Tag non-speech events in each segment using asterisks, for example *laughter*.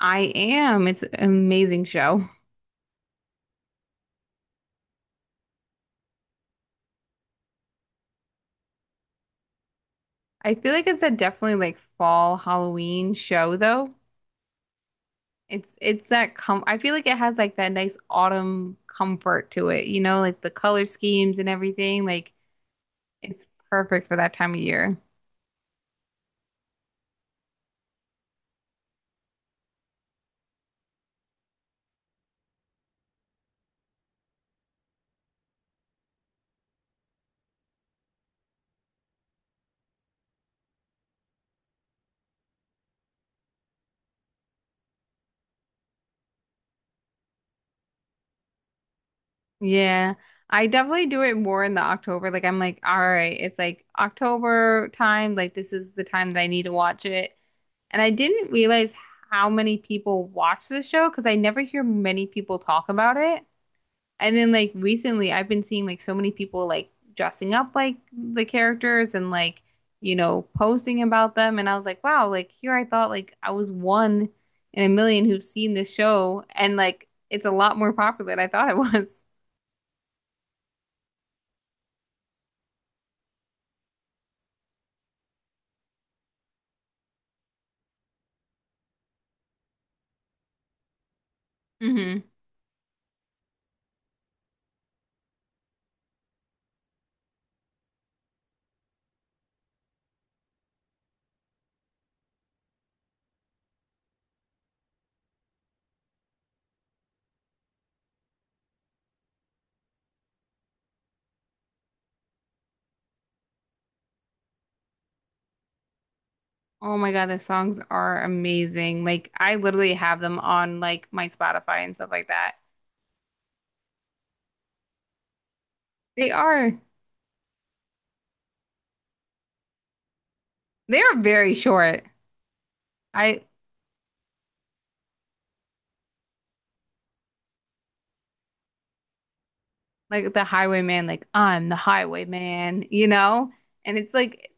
I am. It's an amazing show. I feel like it's a definitely like fall Halloween show though. It's that com I feel like it has like that nice autumn comfort to it, you know, like the color schemes and everything. Like it's perfect for that time of year. Yeah. I definitely do it more in the October. Like I'm like, all right, it's like October time. Like this is the time that I need to watch it. And I didn't realize how many people watch this show because I never hear many people talk about it. And then like recently I've been seeing like so many people like dressing up like the characters and like, you know, posting about them and I was like, wow, like here I thought like I was one in a 1,000,000 who's seen this show and like it's a lot more popular than I thought it was. Hmm. Oh my God, the songs are amazing. Like I literally have them on like my Spotify and stuff like that. They are, they are very short. I like the Highwayman, like I'm the Highwayman, you know? And it's like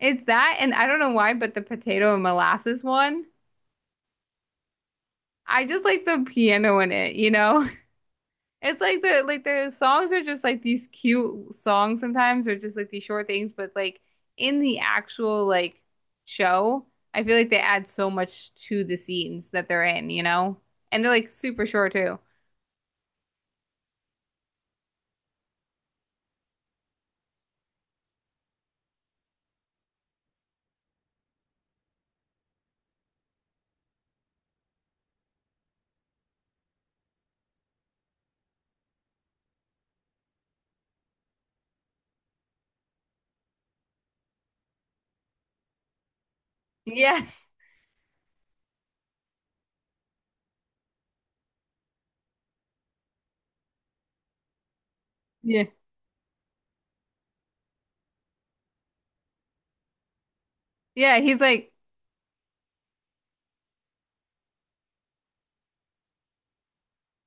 it's that, and I don't know why, but the potato and molasses one, I just like the piano in it, you know? *laughs* It's like the songs are just like these cute songs sometimes, or just like these short things, but like in the actual like show, I feel like they add so much to the scenes that they're in, you know? And they're like super short too. Yeah. *laughs* Yeah. Yeah, he's like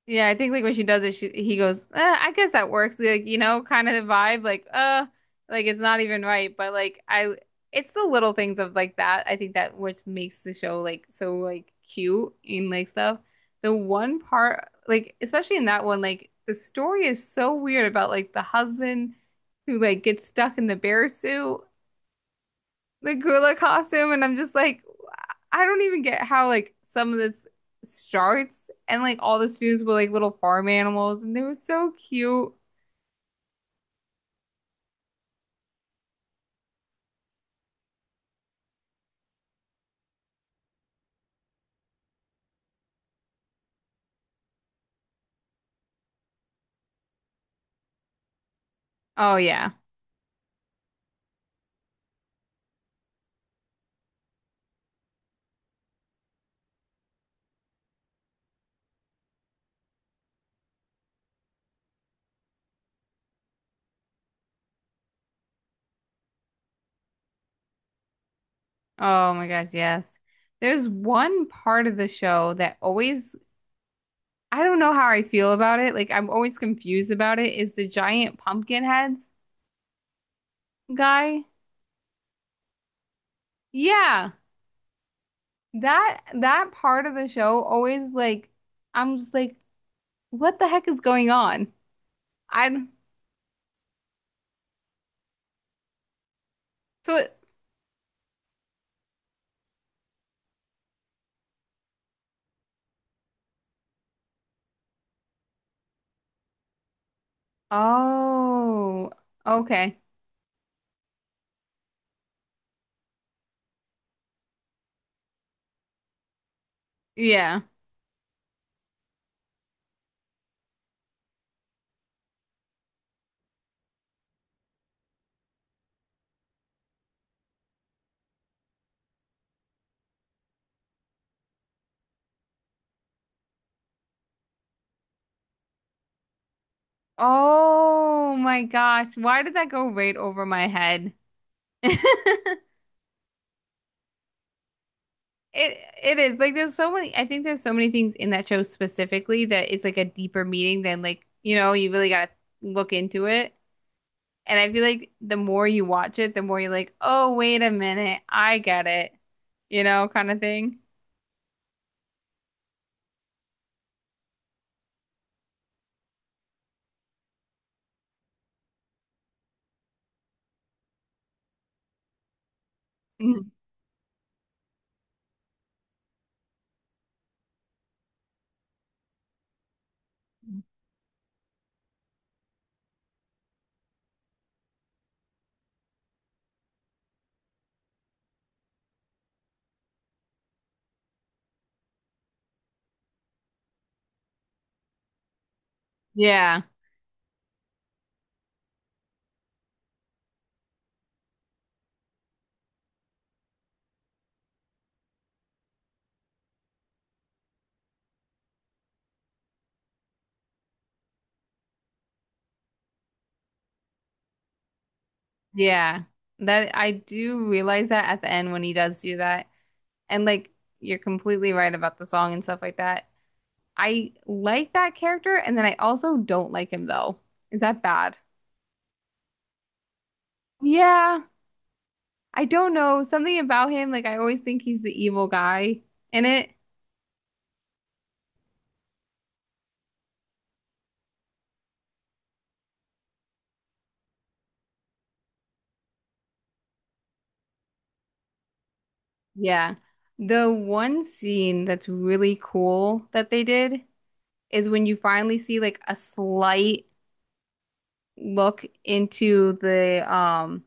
yeah, I think like when she does it, she he goes, I guess that works, like you know, kind of the vibe, like it's not even right, but like I, it's the little things of like that. I think that which makes the show like so like cute and like stuff. The one part, like especially in that one, like the story is so weird about like the husband who like gets stuck in the bear suit, the gorilla costume, and I'm just like, I don't even get how like some of this starts and like all the students were like little farm animals and they were so cute. Oh yeah. Oh my gosh, yes. There's one part of the show that always I don't know how I feel about it. Like I'm always confused about it is the giant pumpkin head guy. Yeah. That that part of the show always like I'm just like what the heck is going on? I so it, oh, okay. Yeah. Oh my gosh, why did that go right over my head? *laughs* It is like there's so many I think there's so many things in that show specifically that it's like a deeper meaning than like, you know, you really gotta look into it. And I feel like the more you watch it, the more you're like, "Oh, wait a minute, I get it." You know, kind of thing. *laughs* Mhm. Yeah. Yeah, that I do realize that at the end when he does do that. And like you're completely right about the song and stuff like that. I like that character, and then I also don't like him though. Is that bad? Yeah, I don't know. Something about him, like I always think he's the evil guy in it. Yeah. The one scene that's really cool that they did is when you finally see like a slight look into the um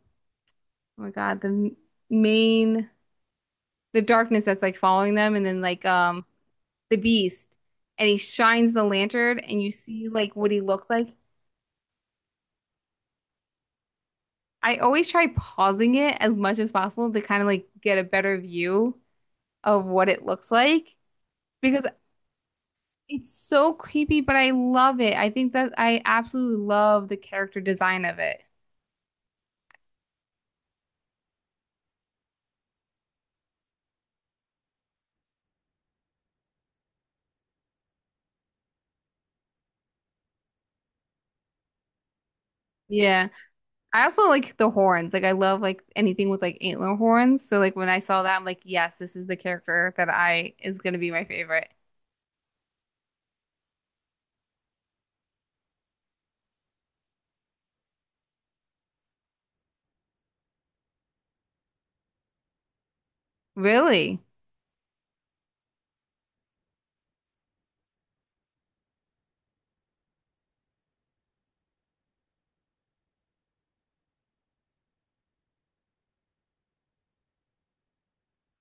oh my God, the m- main the darkness that's like following them and then like the beast and he shines the lantern and you see like what he looks like. I always try pausing it as much as possible to kind of like get a better view of what it looks like because it's so creepy, but I love it. I think that I absolutely love the character design of it. Yeah. I also like the horns. Like I love like anything with like antler horns. So like when I saw that, I'm like, yes, this is the character that I is gonna be my favorite. Really?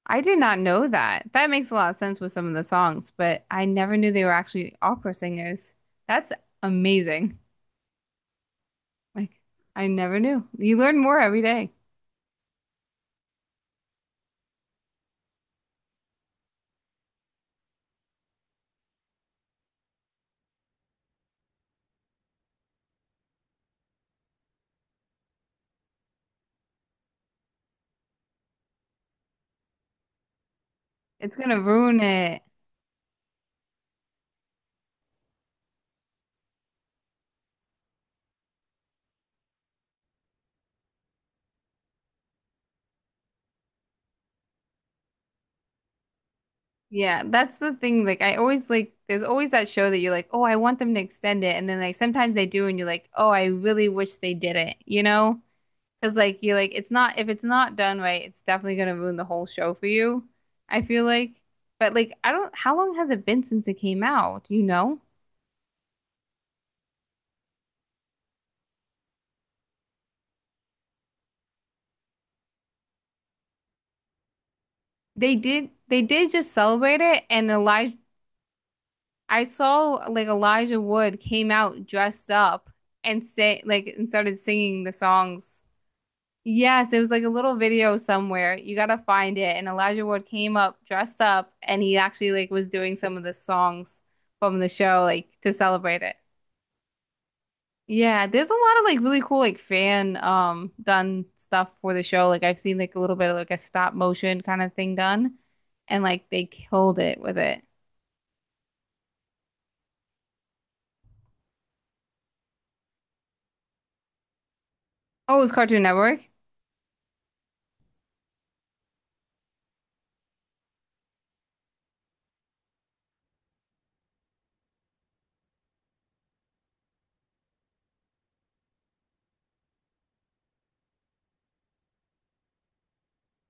I did not know that. That makes a lot of sense with some of the songs, but I never knew they were actually opera singers. That's amazing. Like, I never knew. You learn more every day. It's gonna ruin it. Yeah, that's the thing. Like, I always like, there's always that show that you're like, oh, I want them to extend it. And then, like, sometimes they do, and you're like, oh, I really wish they did it, you know? Because, like, you're like, it's not, if it's not done right, it's definitely gonna ruin the whole show for you, I feel like. But, like, I don't, how long has it been since it came out? Do you know? They did just celebrate it, and Elijah I saw like Elijah Wood came out dressed up and say like and started singing the songs. Yes, there was like a little video somewhere. You gotta find it. And Elijah Wood came up dressed up and he actually like was doing some of the songs from the show like to celebrate it. Yeah, there's a lot of like really cool like fan done stuff for the show. Like I've seen like a little bit of like a stop motion kind of thing done and like they killed it with it. Oh, it was Cartoon Network.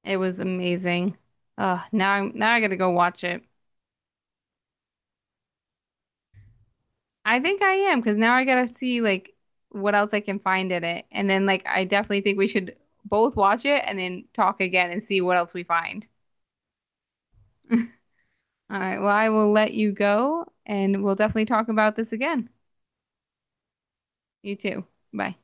It was amazing. Now I'm now I gotta go watch it. I think I am because now I gotta see like what else I can find in it, and then like I definitely think we should both watch it and then talk again and see what else we find. All right, well I will let you go, and we'll definitely talk about this again. You too. Bye.